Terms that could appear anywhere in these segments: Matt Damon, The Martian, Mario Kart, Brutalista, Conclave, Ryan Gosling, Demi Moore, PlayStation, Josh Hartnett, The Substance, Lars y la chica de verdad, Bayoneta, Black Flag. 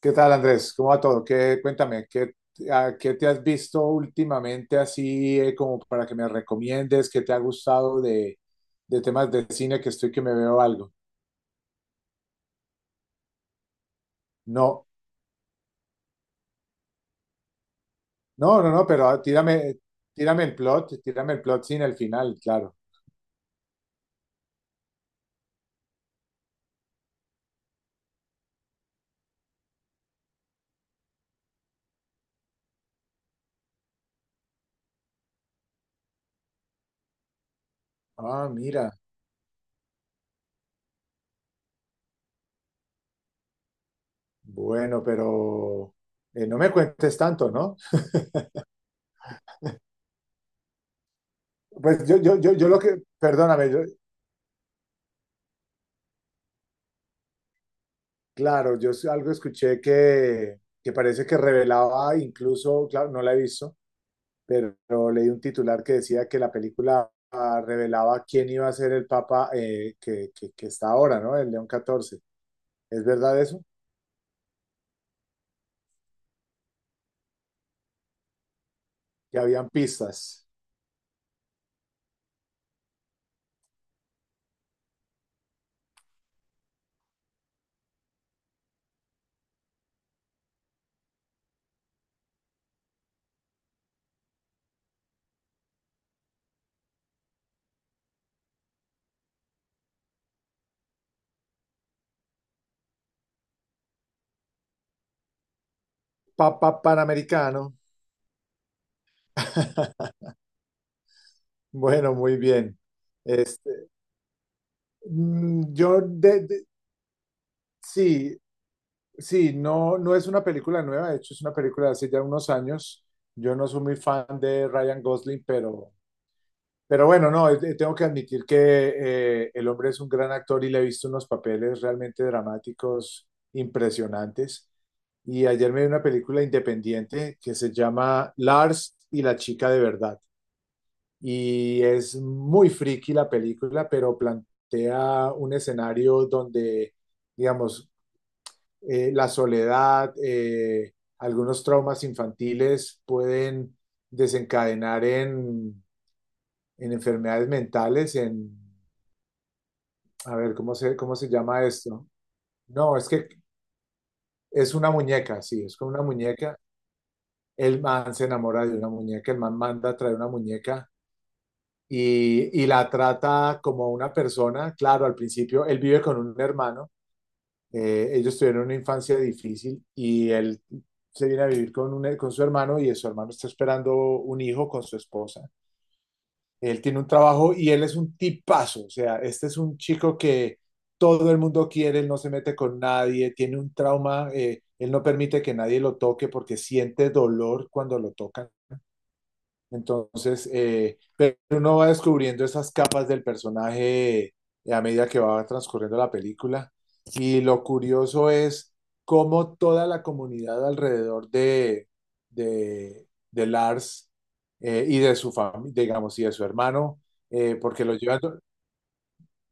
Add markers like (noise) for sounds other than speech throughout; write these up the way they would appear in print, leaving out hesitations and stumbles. ¿Qué tal, Andrés? ¿Cómo va todo? Cuéntame, ¿qué te has visto últimamente así como para que me recomiendes? ¿Qué te ha gustado de temas de cine que estoy que me veo algo? No, no, no, no, pero tírame el plot sin el final, claro. Ah, mira, bueno, pero no me cuentes tanto, ¿no? Pues yo lo que, perdóname, claro, yo algo escuché que, parece que revelaba incluso, claro, no la he visto, pero leí un titular que decía que la película revelaba quién iba a ser el papa que está ahora, ¿no? El León XIV. ¿Es verdad eso? Ya habían pistas. Papa Panamericano. (laughs) Bueno, muy bien. Este, mm, yo de, de- sí, sí, no, no es una película nueva, de hecho es una película de hace ya unos años. Yo no soy muy fan de Ryan Gosling, pero, bueno, no, tengo que admitir que el hombre es un gran actor y le he visto unos papeles realmente dramáticos, impresionantes. Y ayer me vi una película independiente que se llama Lars y la chica de verdad. Y es muy friki la película, pero plantea un escenario donde, digamos, la soledad, algunos traumas infantiles pueden desencadenar en enfermedades mentales. En A ver, ¿cómo se llama esto? No, es que es una muñeca, sí, es con una muñeca. El man se enamora de una muñeca, el man manda a traer una muñeca y la trata como una persona. Claro, al principio él vive con un hermano, ellos tuvieron una infancia difícil y él se viene a vivir con su hermano y su hermano está esperando un hijo con su esposa. Él tiene un trabajo y él es un tipazo, o sea, este es un chico que todo el mundo quiere, él no se mete con nadie, tiene un trauma, él no permite que nadie lo toque porque siente dolor cuando lo tocan. Entonces, pero uno va descubriendo esas capas del personaje a medida que va transcurriendo la película. Y lo curioso es cómo toda la comunidad alrededor de Lars, y de su familia, digamos, y de su hermano, porque lo llevan.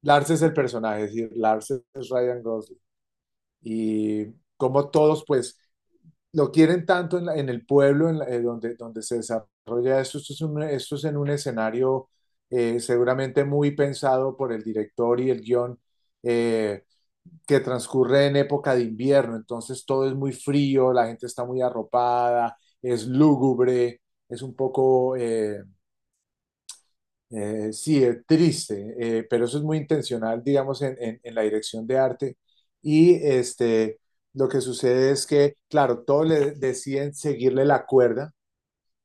Lars es el personaje, es decir, Lars es Ryan Gosling. Y cómo todos, pues, lo quieren tanto en el pueblo donde se desarrolla esto. Esto es en un escenario seguramente muy pensado por el director y el guión, eh, que transcurre en época de invierno. Entonces todo es muy frío, la gente está muy arropada, es lúgubre, es un poco sí, es triste, pero eso es muy intencional, digamos, en, en la dirección de arte. Y lo que sucede es que, claro, todos le deciden seguirle la cuerda.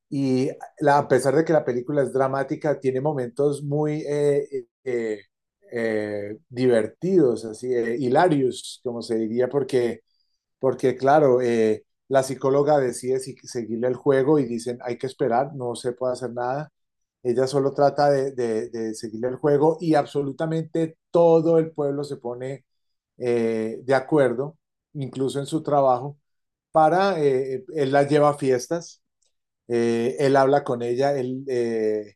y a pesar de que la película es dramática, tiene momentos muy divertidos, así, hilarios, como se diría, porque claro, la psicóloga decide si seguirle el juego y dicen, hay que esperar, no se puede hacer nada. Ella solo trata de seguirle el juego y absolutamente todo el pueblo se pone de acuerdo, incluso en su trabajo, para, él la lleva a fiestas, él habla con ella, él, eh,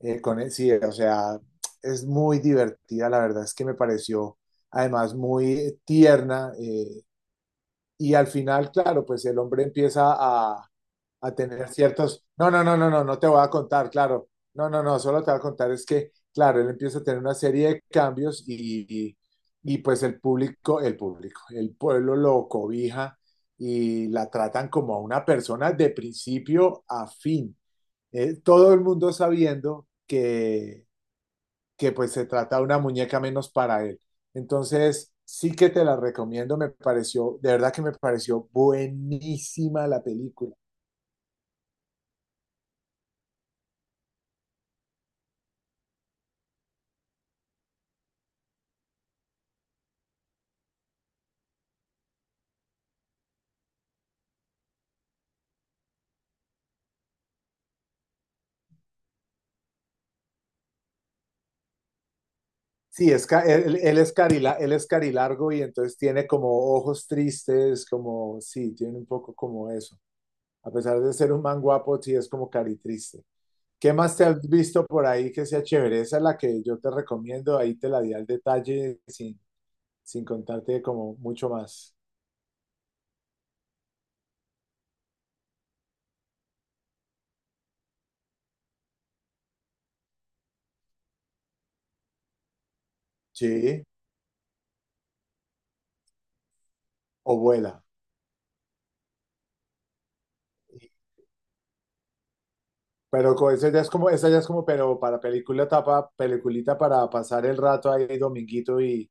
eh, con él, sí, o sea, es muy divertida, la verdad es que me pareció además muy tierna, y al final, claro, pues el hombre empieza a tener ciertos, no, no, no, no, no, no te voy a contar, claro, no, no, no, solo te voy a contar es que, claro, él empieza a tener una serie de cambios y, pues el público, el pueblo lo cobija y la tratan como a una persona de principio a fin. Todo el mundo sabiendo que pues se trata de una muñeca menos para él. Entonces, sí que te la recomiendo, me pareció, de verdad que me pareció buenísima la película. Sí, es, ca- él es carila, él es carilargo y entonces tiene como ojos tristes, como, sí, tiene un poco como eso. A pesar de ser un man guapo, sí es como caritriste. ¿Qué más te has visto por ahí que sea chévere? Esa es la que yo te recomiendo, ahí te la di al detalle sin contarte como mucho más. Sí, o vuela. Pero esa ya es como, pero para película tapa, peliculita para pasar el rato ahí dominguito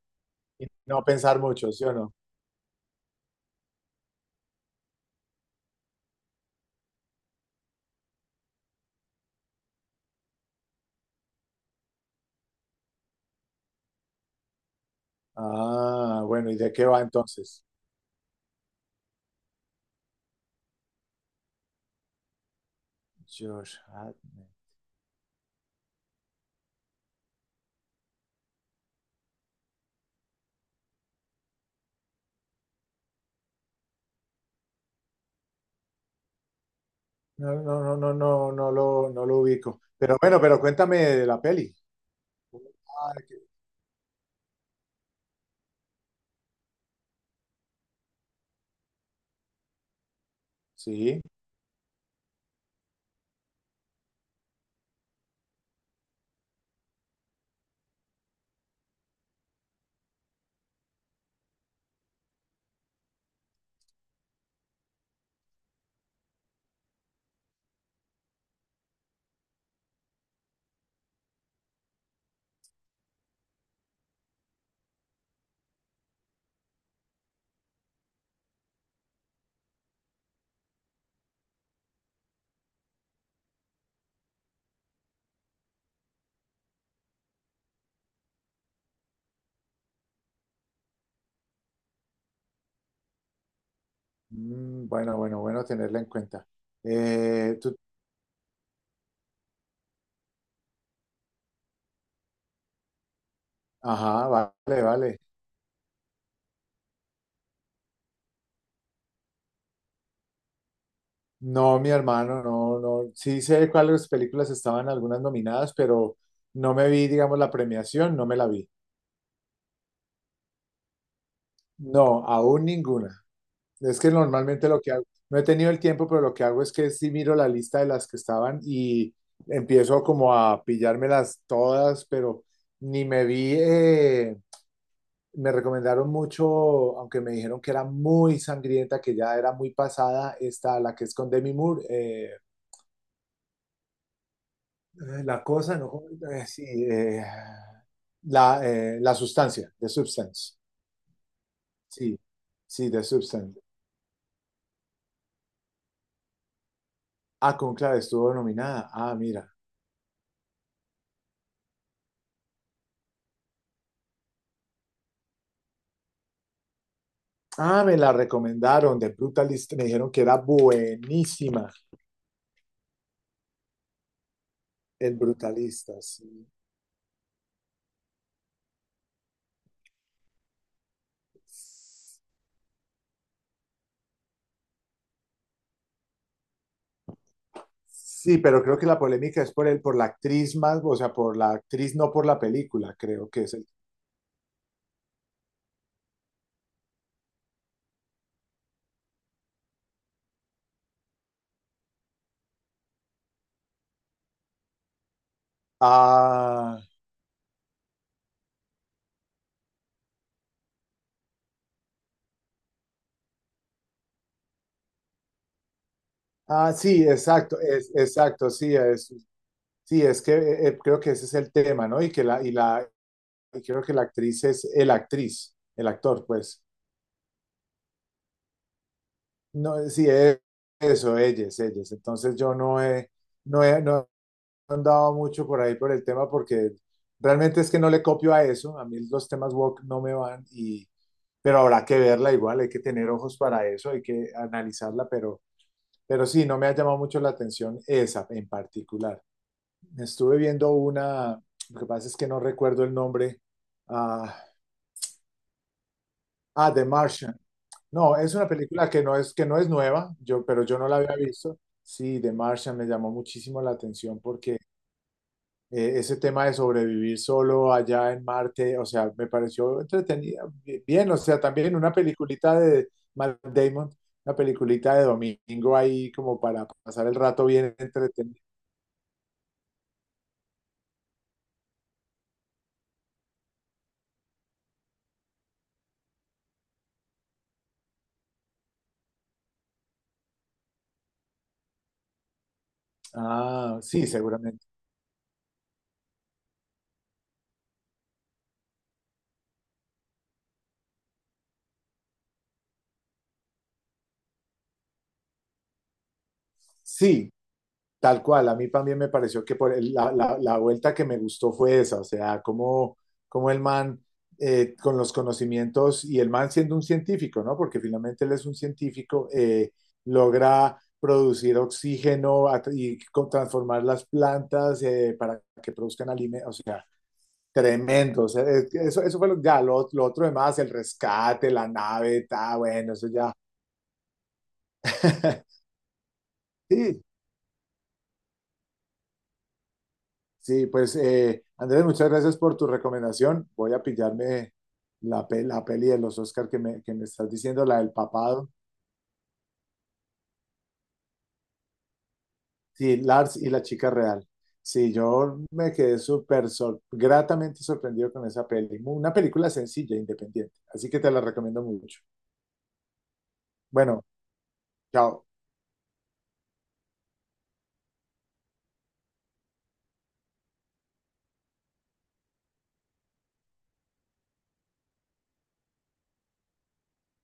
y no pensar mucho, ¿sí o no? Ah, bueno, ¿y de qué va entonces? Josh Hartnett. No, no, no, no, no, no lo ubico. Pero bueno, pero cuéntame de la peli. Ah, sí. Bueno, bueno, bueno tenerla en cuenta. Eh, tú- ajá, vale, vale. No, mi hermano, no, no. Sí sé cuáles películas estaban algunas nominadas, pero no me vi, digamos, la premiación, no me la vi. No, aún ninguna. Es que normalmente lo que hago, no he tenido el tiempo, pero lo que hago es que sí miro la lista de las que estaban y empiezo como a pillármelas todas, pero ni me vi, me recomendaron mucho, aunque me dijeron que era muy sangrienta, que ya era muy pasada, esta, la que es con Demi Moore. La cosa, no, sí, la sustancia, The Substance. Sí, sí, The Substance. Ah, Conclave estuvo nominada. Ah, mira. Ah, me la recomendaron de Brutalista. Me dijeron que era buenísima el Brutalista. Sí. Sí, pero creo que la polémica es por él, por la actriz más, o sea, por la actriz, no por la película, creo que es el. Ah, ah, sí, exacto, exacto, sí, es sí, es que creo que ese es el tema, ¿no? Y creo que la actriz es el actriz, el actor, pues. No, sí, es eso, ellas, ellos. Entonces yo no he andado mucho por ahí por el tema porque realmente es que no le copio a eso. A mí los temas woke no me van pero habrá que verla igual, hay que tener ojos para eso, hay que analizarla, pero, sí, no me ha llamado mucho la atención esa en particular. Estuve viendo una, lo que pasa es que no recuerdo el nombre. Ah, ah, The Martian. No, es una película que no es nueva, pero yo no la había visto. Sí, The Martian me llamó muchísimo la atención porque ese tema de sobrevivir solo allá en Marte, o sea, me pareció entretenida, bien, o sea, también una peliculita de Matt Damon, una peliculita de domingo ahí como para pasar el rato bien entretenido. Ah, sí, seguramente. Sí, tal cual, a mí también me pareció que por la vuelta que me gustó fue esa, o sea, como el man con los conocimientos y el man siendo un científico, ¿no? Porque finalmente él es un científico, logra producir oxígeno y transformar las plantas para que produzcan alimentos, o sea, tremendo, o sea, eso fue lo, ya, lo otro demás, el rescate, la nave, ta, bueno, eso ya. (laughs) Sí, sí, pues Andrés, muchas gracias por tu recomendación. Voy a pillarme la peli de los Oscar que me, estás diciendo, la del papado. Sí, Lars y la chica real. Sí, yo me quedé súper gratamente sorprendido con esa peli. Una película sencilla, independiente. Así que te la recomiendo mucho. Bueno, chao.